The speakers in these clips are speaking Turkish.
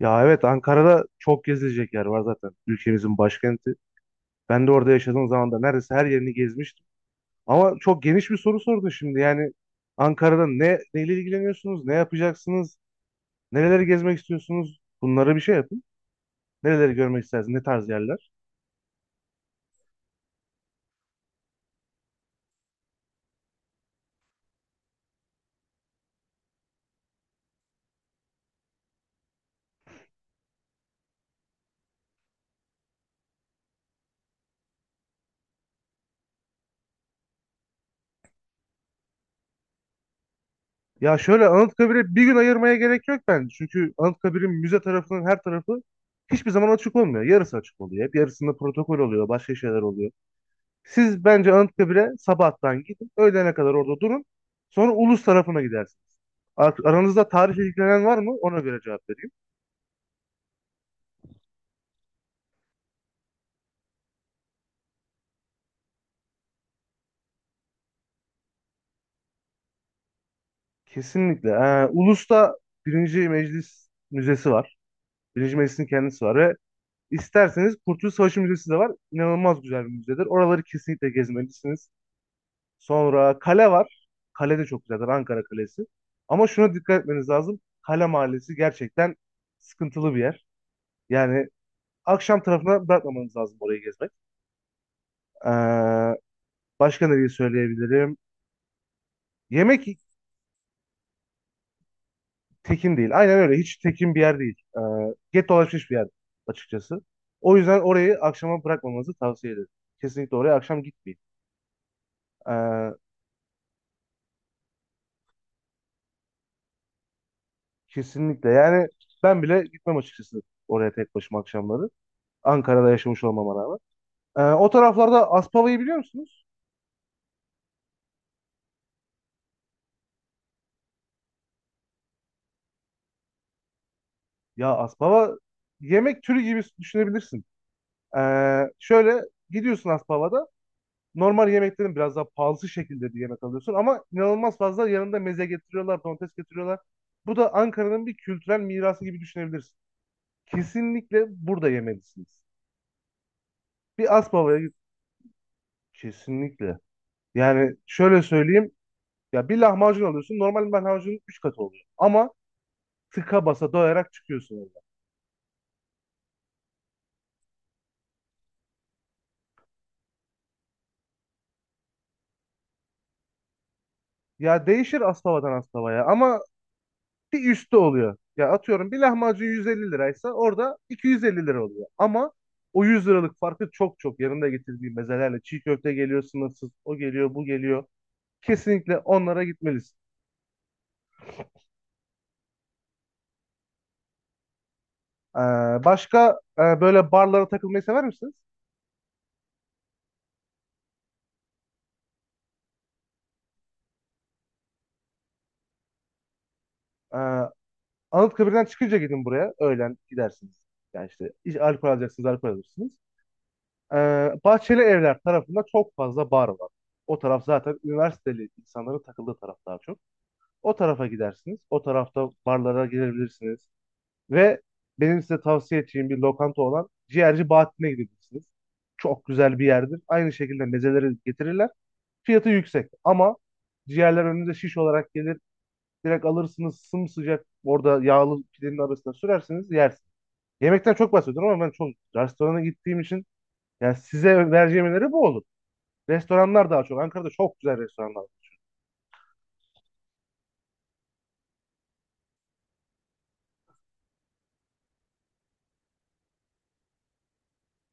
Ya evet Ankara'da çok gezilecek yer var zaten ülkemizin başkenti. Ben de orada yaşadığım zaman da neredeyse her yerini gezmiştim. Ama çok geniş bir soru sordun şimdi. Yani Ankara'da ne neyle ilgileniyorsunuz? Ne yapacaksınız? Nereleri gezmek istiyorsunuz? Bunlara bir şey yapın. Nereleri görmek istersiniz? Ne tarz yerler? Ya şöyle, Anıtkabir'e bir gün ayırmaya gerek yok bence. Çünkü Anıtkabir'in müze tarafının her tarafı hiçbir zaman açık olmuyor. Yarısı açık oluyor. Hep yarısında protokol oluyor. Başka şeyler oluyor. Siz bence Anıtkabir'e sabahtan gidin. Öğlene kadar orada durun. Sonra Ulus tarafına gidersiniz. Aranızda tarihle ilgilenen var mı? Ona göre cevap vereyim. Kesinlikle. Ulus'ta Birinci Meclis Müzesi var. Birinci Meclis'in kendisi var ve isterseniz Kurtuluş Savaşı Müzesi de var. İnanılmaz güzel bir müzedir. Oraları kesinlikle gezmelisiniz. Sonra kale var. Kale de çok güzeldir. Ankara Kalesi. Ama şuna dikkat etmeniz lazım. Kale Mahallesi gerçekten sıkıntılı bir yer. Yani akşam tarafına bırakmamanız lazım orayı gezmek. Ee, Başka nereyi söyleyebilirim? Yemek tekin değil. Aynen öyle. Hiç tekin bir yer değil. Get dolaşmış bir yer açıkçası. O yüzden orayı akşama bırakmamanızı tavsiye ederim. Kesinlikle oraya akşam gitmeyin. Ee, Kesinlikle. Yani ben bile gitmem açıkçası oraya tek başıma akşamları. Ankara'da yaşamış olmama rağmen. O taraflarda Aspava'yı biliyor musunuz? Ya Aspava yemek türü gibi düşünebilirsin. Şöyle, gidiyorsun Aspava'da. Normal yemeklerin biraz daha pahalı şekilde bir yemek alıyorsun ama inanılmaz fazla yanında meze getiriyorlar, domates getiriyorlar. Bu da Ankara'nın bir kültürel mirası gibi düşünebilirsin. Kesinlikle burada yemelisiniz. Bir Asbaba'ya git. Kesinlikle. Yani şöyle söyleyeyim. Ya bir lahmacun alıyorsun. Normal lahmacunun 3 katı oluyor. Ama tıka basa doyarak çıkıyorsun orada. Ya değişir Asbaba'dan Asbaba'ya ama bir üstü oluyor. Ya atıyorum bir lahmacun 150 liraysa orada 250 lira oluyor. Ama o 100 liralık farkı çok çok yanında getirdiği mezelerle çiğ köfte geliyor sınırsız, o geliyor, bu geliyor. Kesinlikle onlara gitmelisin. Ee, Başka, böyle barlara takılmayı sever misiniz? Ee, Anıtkabir'den çıkınca gidin buraya. Öğlen gidersiniz. Yani işte alkol alacaksınız, alkol alırsınız. Ee, Bahçeli Evler tarafında çok fazla bar var. O taraf zaten üniversiteli insanların takıldığı taraf daha çok. O tarafa gidersiniz. O tarafta barlara girebilirsiniz. Ve benim size tavsiye edeceğim bir lokanta olan Ciğerci Bahattin'e gidebilirsiniz. Çok güzel bir yerdir. Aynı şekilde mezeleri getirirler. Fiyatı yüksek ama ciğerler önünüze şiş olarak gelir. Direkt alırsınız sımsıcak orada yağlı pidenin arasına sürersiniz yersiniz. Yemekten çok bahsediyorum ama ben çok restorana gittiğim için yani size vereceğim öneri bu olur. Restoranlar daha çok. Ankara'da çok güzel restoranlar var.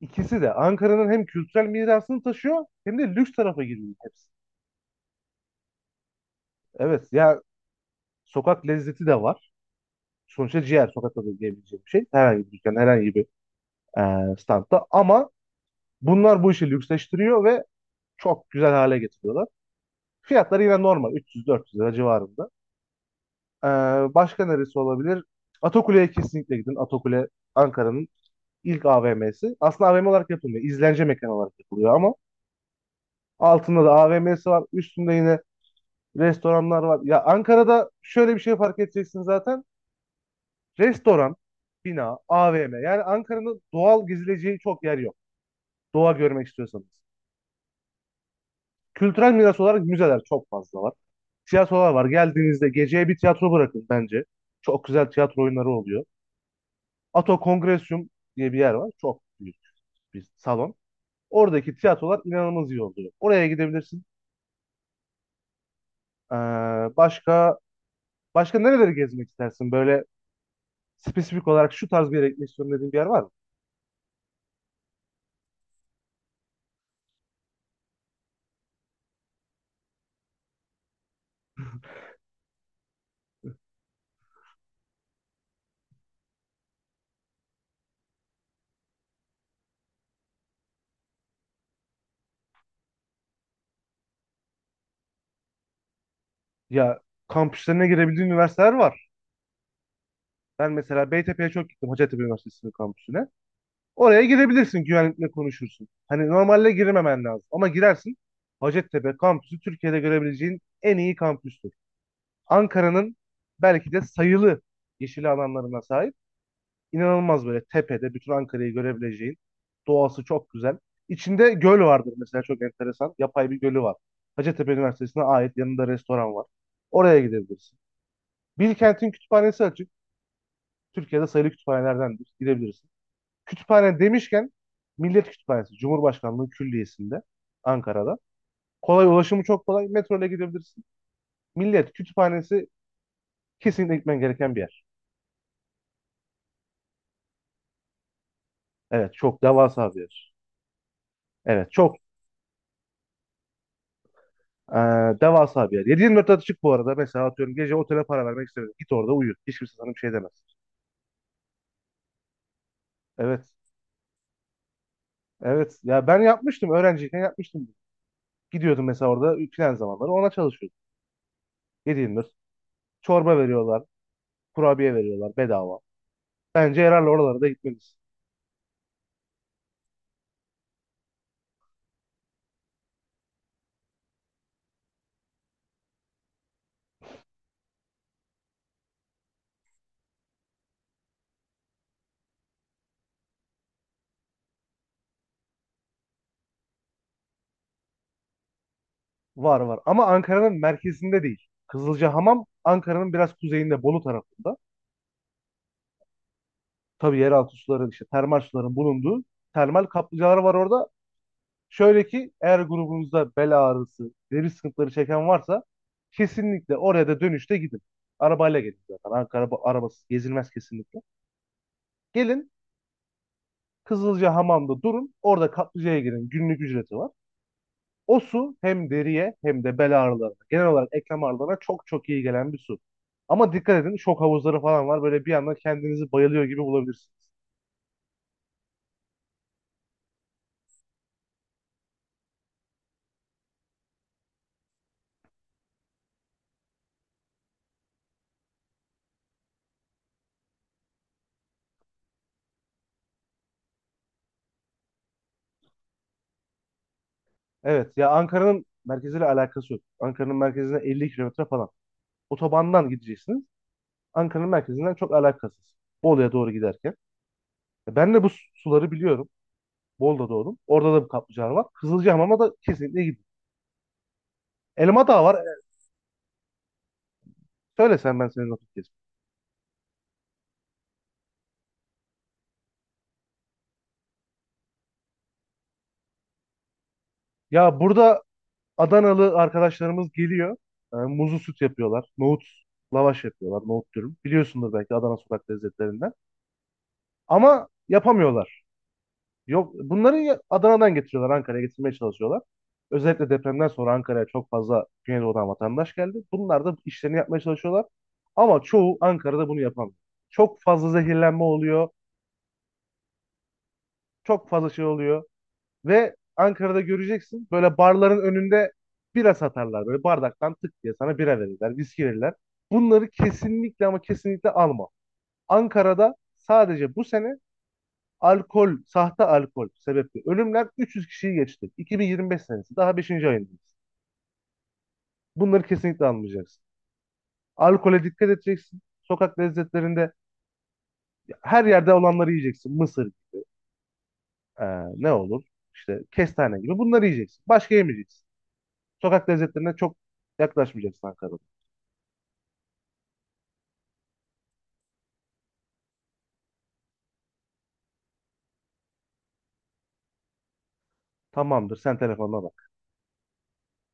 İkisi de Ankara'nın hem kültürel mirasını taşıyor hem de lüks tarafa giriyor hepsi. Evet ya, sokak lezzeti de var. Sonuçta ciğer sokakta da diyebileceğim bir şey. Herhangi bir dükkan, herhangi bir standta. Ama bunlar bu işi lüksleştiriyor ve çok güzel hale getiriyorlar. Fiyatları yine normal 300-400 lira civarında. Eee, Başka neresi olabilir? Atakule'ye kesinlikle gidin. Atakule Ankara'nın ilk AVM'si. Aslında AVM olarak yapılmıyor. İzlence mekanı olarak yapılıyor ama altında da AVM'si var. Üstünde yine restoranlar var. Ya Ankara'da şöyle bir şey fark edeceksin zaten. Restoran, bina, AVM. Yani Ankara'nın doğal gezileceği çok yer yok. Doğa görmek istiyorsanız. Kültürel miras olarak müzeler çok fazla var. Tiyatrolar var. Geldiğinizde geceye bir tiyatro bırakın bence. Çok güzel tiyatro oyunları oluyor. Ato Kongresyum diye bir yer var. Çok büyük bir salon. Oradaki tiyatrolar inanılmaz iyi oluyor. Oraya gidebilirsin. Ee, başka başka nereleri gezmek istersin? Böyle spesifik olarak şu tarz bir yere gitmek istiyorum dediğin bir yer var mı? Ya, kampüslerine girebildiğin üniversiteler var. Ben mesela Beytepe'ye çok gittim, Hacettepe Üniversitesi'nin kampüsüne. Oraya girebilirsin, güvenlikle konuşursun. Hani normalde girememen lazım ama girersin. Hacettepe kampüsü Türkiye'de görebileceğin en iyi kampüstür. Ankara'nın belki de sayılı yeşil alanlarına sahip. İnanılmaz, böyle tepede bütün Ankara'yı görebileceğin. Doğası çok güzel. İçinde göl vardır mesela, çok enteresan. Yapay bir gölü var. Hacettepe Üniversitesi'ne ait yanında restoran var. Oraya gidebilirsin. Bilkent'in kütüphanesi açık. Türkiye'de sayılı kütüphanelerdendir. Gidebilirsin. Kütüphane demişken Millet Kütüphanesi Cumhurbaşkanlığı Külliyesi'nde, Ankara'da. Kolay, ulaşımı çok kolay. Metro ile gidebilirsin. Millet Kütüphanesi kesinlikle gitmen gereken bir yer. Evet, çok devasa bir yer. Evet çok Devasa bir yer. 7-24 açık bu arada. Mesela atıyorum, gece otele para vermek istemiyorum. Git orada uyu. Hiç kimse sana bir şey demez. Evet. Evet. Ya ben yapmıştım. Öğrenciyken yapmıştım. Gidiyordum mesela orada plan zamanları. Ona çalışıyordum. 7-24. Çorba veriyorlar. Kurabiye veriyorlar bedava. Bence herhalde oralarda gitmeliyiz. Var var. Ama Ankara'nın merkezinde değil. Kızılcahamam Ankara'nın biraz kuzeyinde, Bolu tarafında. Tabii yeraltı suların, işte termal suların bulunduğu termal kaplıcalar var orada. Şöyle ki, eğer grubunuzda bel ağrısı, deri sıkıntıları çeken varsa kesinlikle oraya da dönüşte gidin. Arabayla gelin zaten. Ankara arabasız gezilmez kesinlikle. Gelin Kızılcahamam'da durun. Orada kaplıcaya girin. Günlük ücreti var. O su hem deriye hem de bel ağrılarına, genel olarak eklem ağrılarına çok çok iyi gelen bir su. Ama dikkat edin, şok havuzları falan var. Böyle bir anda kendinizi bayılıyor gibi bulabilirsiniz. Evet ya, Ankara'nın merkeziyle alakası yok. Ankara'nın merkezine 50 kilometre falan. Otobandan gideceksiniz. Ankara'nın merkezinden çok alakasız. Bolu'ya doğru giderken. Ya ben de bu suları biliyorum. Bolu'da doğdum. Orada da bir kaplıcalar var. Kızılcahamam'a da kesinlikle gidin. Elma Dağı var. Evet. Söyle sen, ben senin vakit geçireyim. Ya burada Adanalı arkadaşlarımız geliyor. Muzlu süt yapıyorlar. Nohut lavaş yapıyorlar. Nohut dürüm. Biliyorsundur belki, Adana sokak lezzetlerinden. Ama yapamıyorlar. Yok, bunları Adana'dan getiriyorlar. Ankara'ya getirmeye çalışıyorlar. Özellikle depremden sonra Ankara'ya çok fazla Güneydoğu'dan vatandaş geldi. Bunlar da işlerini yapmaya çalışıyorlar. Ama çoğu Ankara'da bunu yapamıyor. Çok fazla zehirlenme oluyor. Çok fazla şey oluyor. Ve Ankara'da göreceksin, böyle barların önünde bira satarlar. Böyle bardaktan tık diye sana bira verirler, viski verirler. Bunları kesinlikle, ama kesinlikle alma. Ankara'da sadece bu sene alkol, sahte alkol sebeple ölümler 300 kişiyi geçti. 2025 senesi daha beşinci ayındayız. Bunları kesinlikle almayacaksın. Alkole dikkat edeceksin. Sokak lezzetlerinde her yerde olanları yiyeceksin. Mısır, e, ne olur? İşte kestane gibi bunları yiyeceksin. Başka yemeyeceksin. Sokak lezzetlerine çok yaklaşmayacaksın Ankara'da. Tamamdır. Sen telefonuna bak.